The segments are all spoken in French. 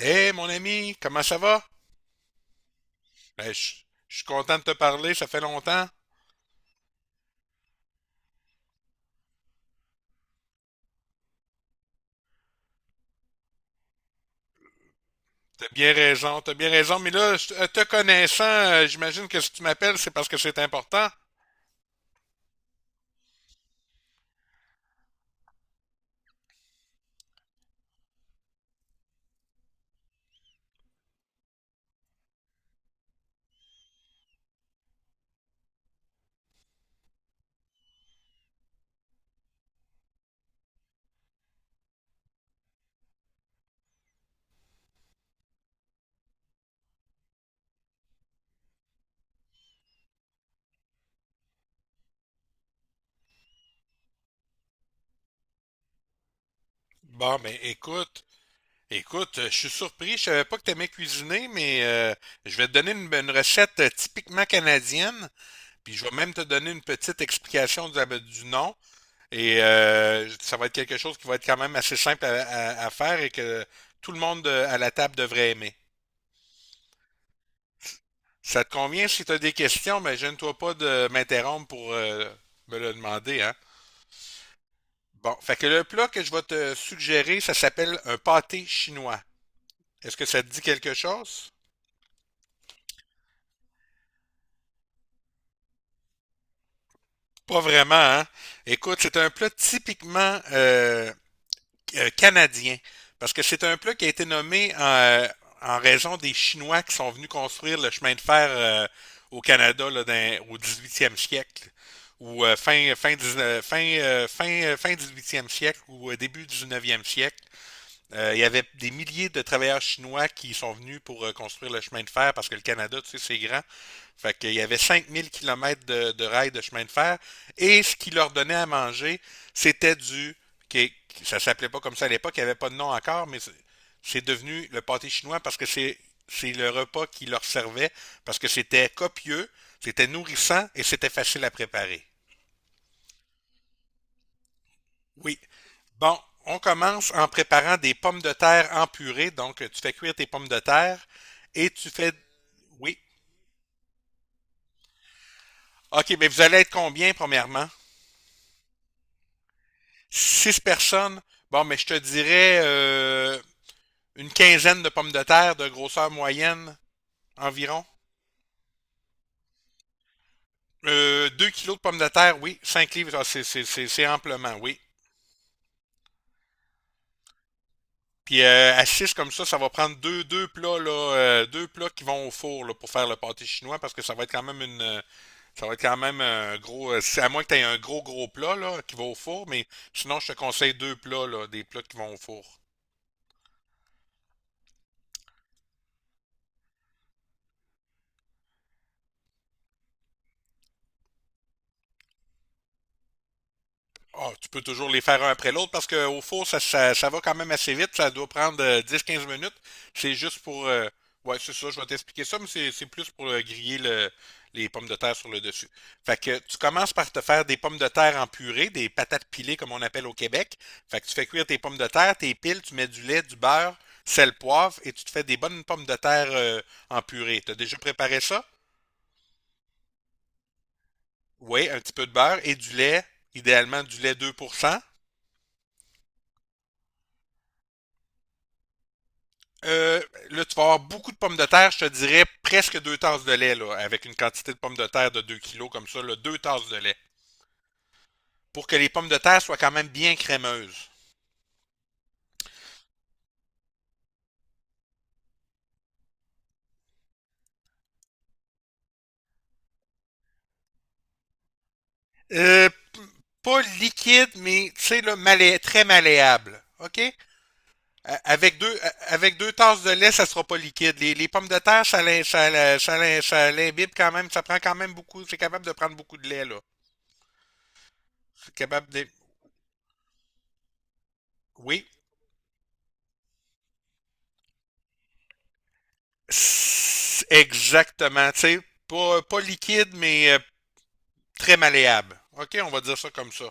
Hé, mon ami, comment ça va? Ben, je suis content de te parler, ça fait longtemps. T'as bien raison, mais là, te connaissant, j'imagine que si tu m'appelles, c'est parce que c'est important. Bon, ben écoute, écoute, je suis surpris, je savais pas que t'aimais cuisiner, mais je vais te donner une recette typiquement canadienne, puis je vais même te donner une petite explication du nom, et ça va être quelque chose qui va être quand même assez simple à, à faire et que tout le monde à la table devrait aimer. Ça te convient si tu as des questions, mais gêne-toi pas de m'interrompre pour me le demander. Hein? Bon, fait que le plat que je vais te suggérer, ça s'appelle un pâté chinois. Est-ce que ça te dit quelque chose? Pas vraiment, hein? Écoute, c'est un plat typiquement canadien. Parce que c'est un plat qui a été nommé en raison des Chinois qui sont venus construire le chemin de fer au Canada là, au 18e siècle ou fin 19 fin 18e siècle ou début 19e siècle. Il y avait des milliers de travailleurs chinois qui sont venus pour construire le chemin de fer parce que le Canada, tu sais, c'est grand. Fait qu'il y avait 5 000 km de rails de chemin de fer. Et ce qui leur donnait à manger, c'était du. Ça s'appelait pas comme ça à l'époque, il n'y avait pas de nom encore, mais c'est devenu le pâté chinois parce que c'est le repas qui leur servait, parce que c'était copieux, c'était nourrissant et c'était facile à préparer. Oui. Bon, on commence en préparant des pommes de terre en purée. Donc, tu fais cuire tes pommes de terre et tu fais... Oui. OK, mais vous allez être combien, premièrement? Six personnes. Bon, mais je te dirais une quinzaine de pommes de terre de grosseur moyenne environ. 2 kilos de pommes de terre, oui. 5 livres, ah, c'est, c'est amplement, oui. Puis à six comme ça va prendre deux plats là, deux plats qui vont au four là, pour faire le pâté chinois parce que ça va être quand même ça va être quand même un gros. C'est à moins que tu aies un gros, gros plat là, qui va au four, mais sinon, je te conseille deux plats, là, des plats qui vont au four. Ah, tu peux toujours les faire un après l'autre parce qu'au four, ça va quand même assez vite. Ça doit prendre 10-15 minutes. C'est juste pour. Ouais, c'est ça, je vais t'expliquer ça, mais c'est plus pour griller les pommes de terre sur le dessus. Fait que tu commences par te faire des pommes de terre en purée, des patates pilées comme on appelle au Québec. Fait que tu fais cuire tes pommes de terre, tes piles, tu mets du lait, du beurre, sel, poivre et tu te fais des bonnes pommes de terre en purée. T'as déjà préparé ça? Oui, un petit peu de beurre et du lait, idéalement du lait 2%. Euh, Là, tu vas avoir beaucoup de pommes de terre, je te dirais presque 2 tasses de lait, là, avec une quantité de pommes de terre de 2 kilos comme ça, là, 2 tasses de lait, pour que les pommes de terre soient quand même bien crémeuses. Euh, p- Pas liquide, mais tu sais, là, très malléable. OK? Avec deux, avec 2 tasses de lait, ça sera pas liquide. Les pommes de terre, ça l'imbibe quand même, ça prend quand même beaucoup, c'est capable de prendre beaucoup de lait, là. C'est capable de... Oui. Exactement, tu sais, pas liquide, mais très malléable. OK, on va dire ça comme ça.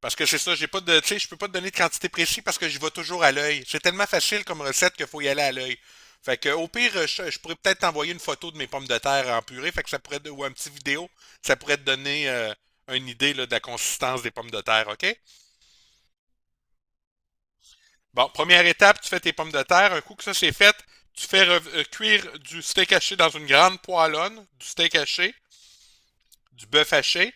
Parce que c'est ça, j'ai pas de. Tu sais, je peux pas te donner de quantité précise parce que j'y vais toujours à l'œil. C'est tellement facile comme recette qu'il faut y aller à l'œil. Fait que au pire, je pourrais peut-être t'envoyer une photo de mes pommes de terre en purée, fait que ça pourrait, ou un petit vidéo, ça pourrait te donner une idée là, de la consistance des pommes de terre, OK? Bon, première étape, tu fais tes pommes de terre. Un coup que ça c'est fait, tu fais cuire du steak haché dans une grande poêlonne, du steak haché, du bœuf haché.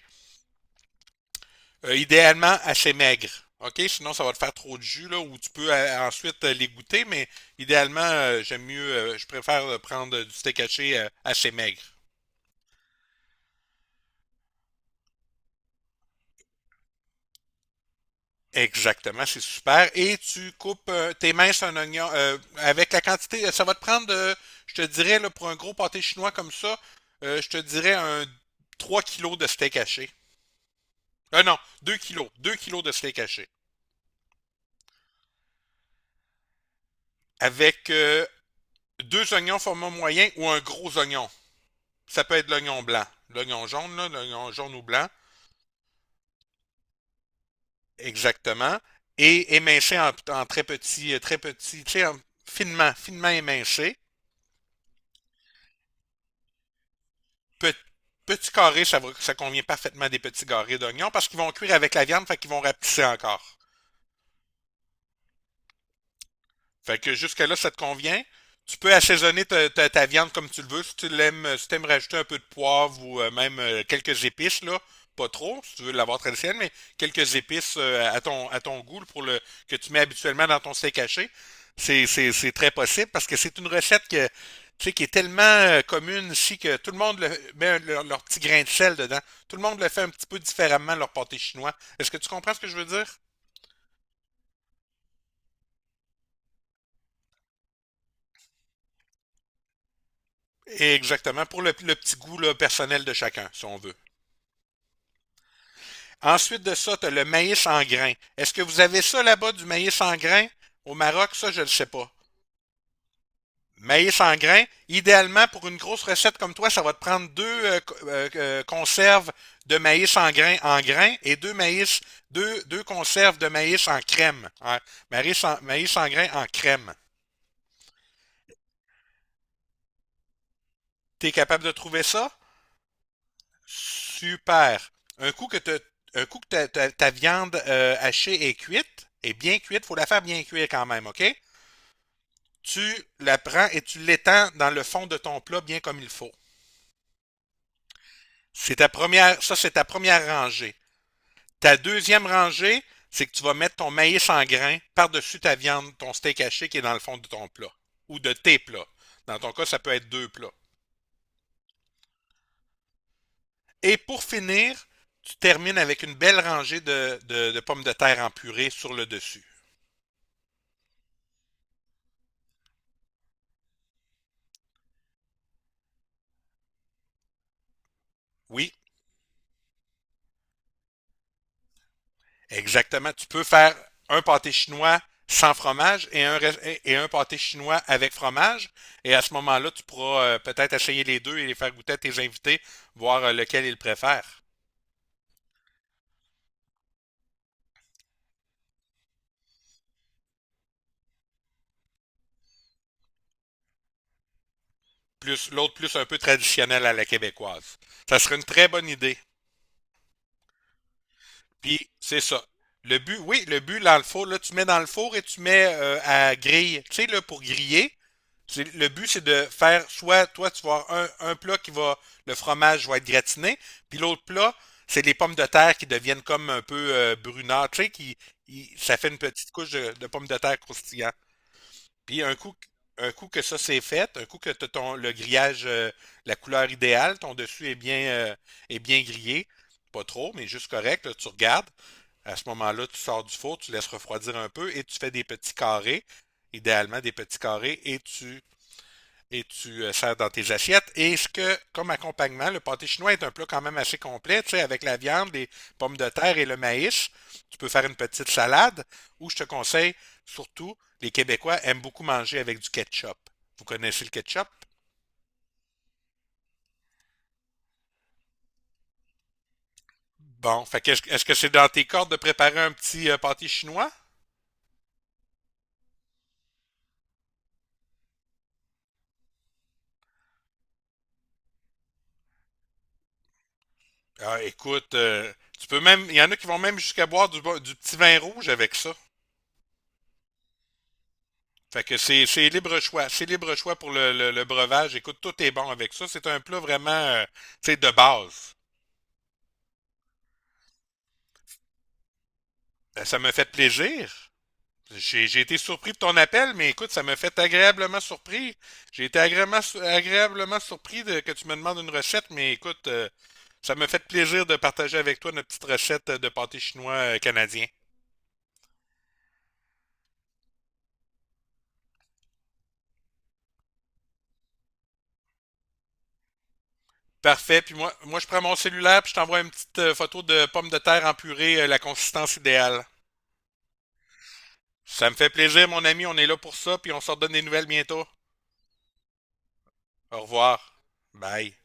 Idéalement assez maigre. OK? Sinon, ça va te faire trop de jus, là, ou tu peux ensuite les goûter, mais idéalement, je préfère prendre du steak haché assez maigre. Exactement, c'est super. Et tu coupes tes minces un oignon avec la quantité. Ça va te prendre, je te dirais, là, pour un gros pâté chinois comme ça, je te dirais un 3 kilos de steak haché. Non, 2 kilos. 2 kilos de steak haché. Avec deux oignons format moyen ou un gros oignon. Ça peut être l'oignon blanc, l'oignon jaune ou blanc, exactement, et émincé en très petit, tu sais, finement, finement émincé. Pe- Petit carré, ça, ça convient parfaitement des petits carrés d'oignons parce qu'ils vont cuire avec la viande, fait qu'ils vont rapetisser encore. Fait que jusque-là, ça te convient. Tu peux assaisonner ta, ta viande comme tu le veux. Si tu l'aimes, si t'aimes rajouter un peu de poivre ou même quelques épices, là, pas trop, si tu veux l'avoir traditionnelle, mais quelques épices à ton goût pour le que tu mets habituellement dans ton steak haché. C'est, c'est très possible parce que c'est une recette que, tu sais, qui est tellement commune ici que tout le monde met leur, leur petit grain de sel dedans. Tout le monde le fait un petit peu différemment, leur pâté chinois. Est-ce que tu comprends ce que je veux dire? Exactement, pour le petit goût là, personnel de chacun, si on veut. Ensuite de ça, tu as le maïs en grains. Est-ce que vous avez ça là-bas, du maïs en grains? Au Maroc, ça, je ne le sais pas. Maïs en grains, idéalement, pour une grosse recette comme toi, ça va te prendre deux conserves de maïs en grains et deux maïs, deux conserves de maïs en crème. Hein. Maïs en, maïs en grains en crème. T'es capable de trouver ça? Super. Un coup que, un coup que ta, ta viande hachée est cuite, est bien cuite, il faut la faire bien cuire quand même, OK? Tu la prends et tu l'étends dans le fond de ton plat bien comme il faut. C'est ta première, ça c'est ta première rangée. Ta deuxième rangée, c'est que tu vas mettre ton maïs en grains par-dessus ta viande, ton steak haché qui est dans le fond de ton plat ou de tes plats. Dans ton cas, ça peut être deux plats. Et pour finir, tu termines avec une belle rangée de, de pommes de terre en purée sur le dessus. Oui, exactement. Tu peux faire un pâté chinois sans fromage et un pâté chinois avec fromage. Et à ce moment-là, tu pourras peut-être essayer les deux et les faire goûter à tes invités, voir lequel ils préfèrent. Plus l'autre plus un peu traditionnel à la québécoise. Ça serait une très bonne idée. Puis c'est ça. Le but, oui, le but dans le four, là, tu mets dans le four et tu mets à griller. Tu sais, là, pour griller, le but, c'est de faire soit toi, tu vas avoir un plat qui va, le fromage va être gratiné, puis l'autre plat, c'est les pommes de terre qui deviennent comme un peu brunâtres, tu sais, qui, ça fait une petite couche de pommes de terre croustillant. Puis un coup que ça c'est fait, un coup que t'as ton, le grillage, la couleur idéale, ton dessus est bien grillé, pas trop, mais juste correct, là, tu regardes. À ce moment-là, tu sors du four, tu laisses refroidir un peu et tu fais des petits carrés, idéalement des petits carrés, et tu sers dans tes assiettes. Et ce que, comme accompagnement, le pâté chinois est un plat quand même assez complet, tu sais, avec la viande, les pommes de terre et le maïs. Tu peux faire une petite salade, ou je te conseille, surtout, les Québécois aiment beaucoup manger avec du ketchup. Vous connaissez le ketchup? Bon, fait que est-ce que c'est dans tes cordes de préparer un petit pâté chinois? Ah, écoute, tu peux même, il y en a qui vont même jusqu'à boire du, du petit vin rouge avec ça. Fait que c'est libre choix. C'est libre choix pour le, le breuvage. Écoute, tout est bon avec ça. C'est un plat vraiment, tu sais, de base. Ben, ça me fait plaisir. J'ai été surpris de ton appel, mais écoute, ça me fait agréablement surpris. J'ai été agréablement, agréablement surpris de, que tu me demandes une recette, mais écoute, ça me fait plaisir de partager avec toi notre petite recette de pâté chinois canadien. Parfait. Puis moi, je prends mon cellulaire, puis je t'envoie une petite photo de pommes de terre en purée, la consistance idéale. Ça me fait plaisir, mon ami. On est là pour ça, puis on se redonne des nouvelles bientôt. Au revoir. Bye.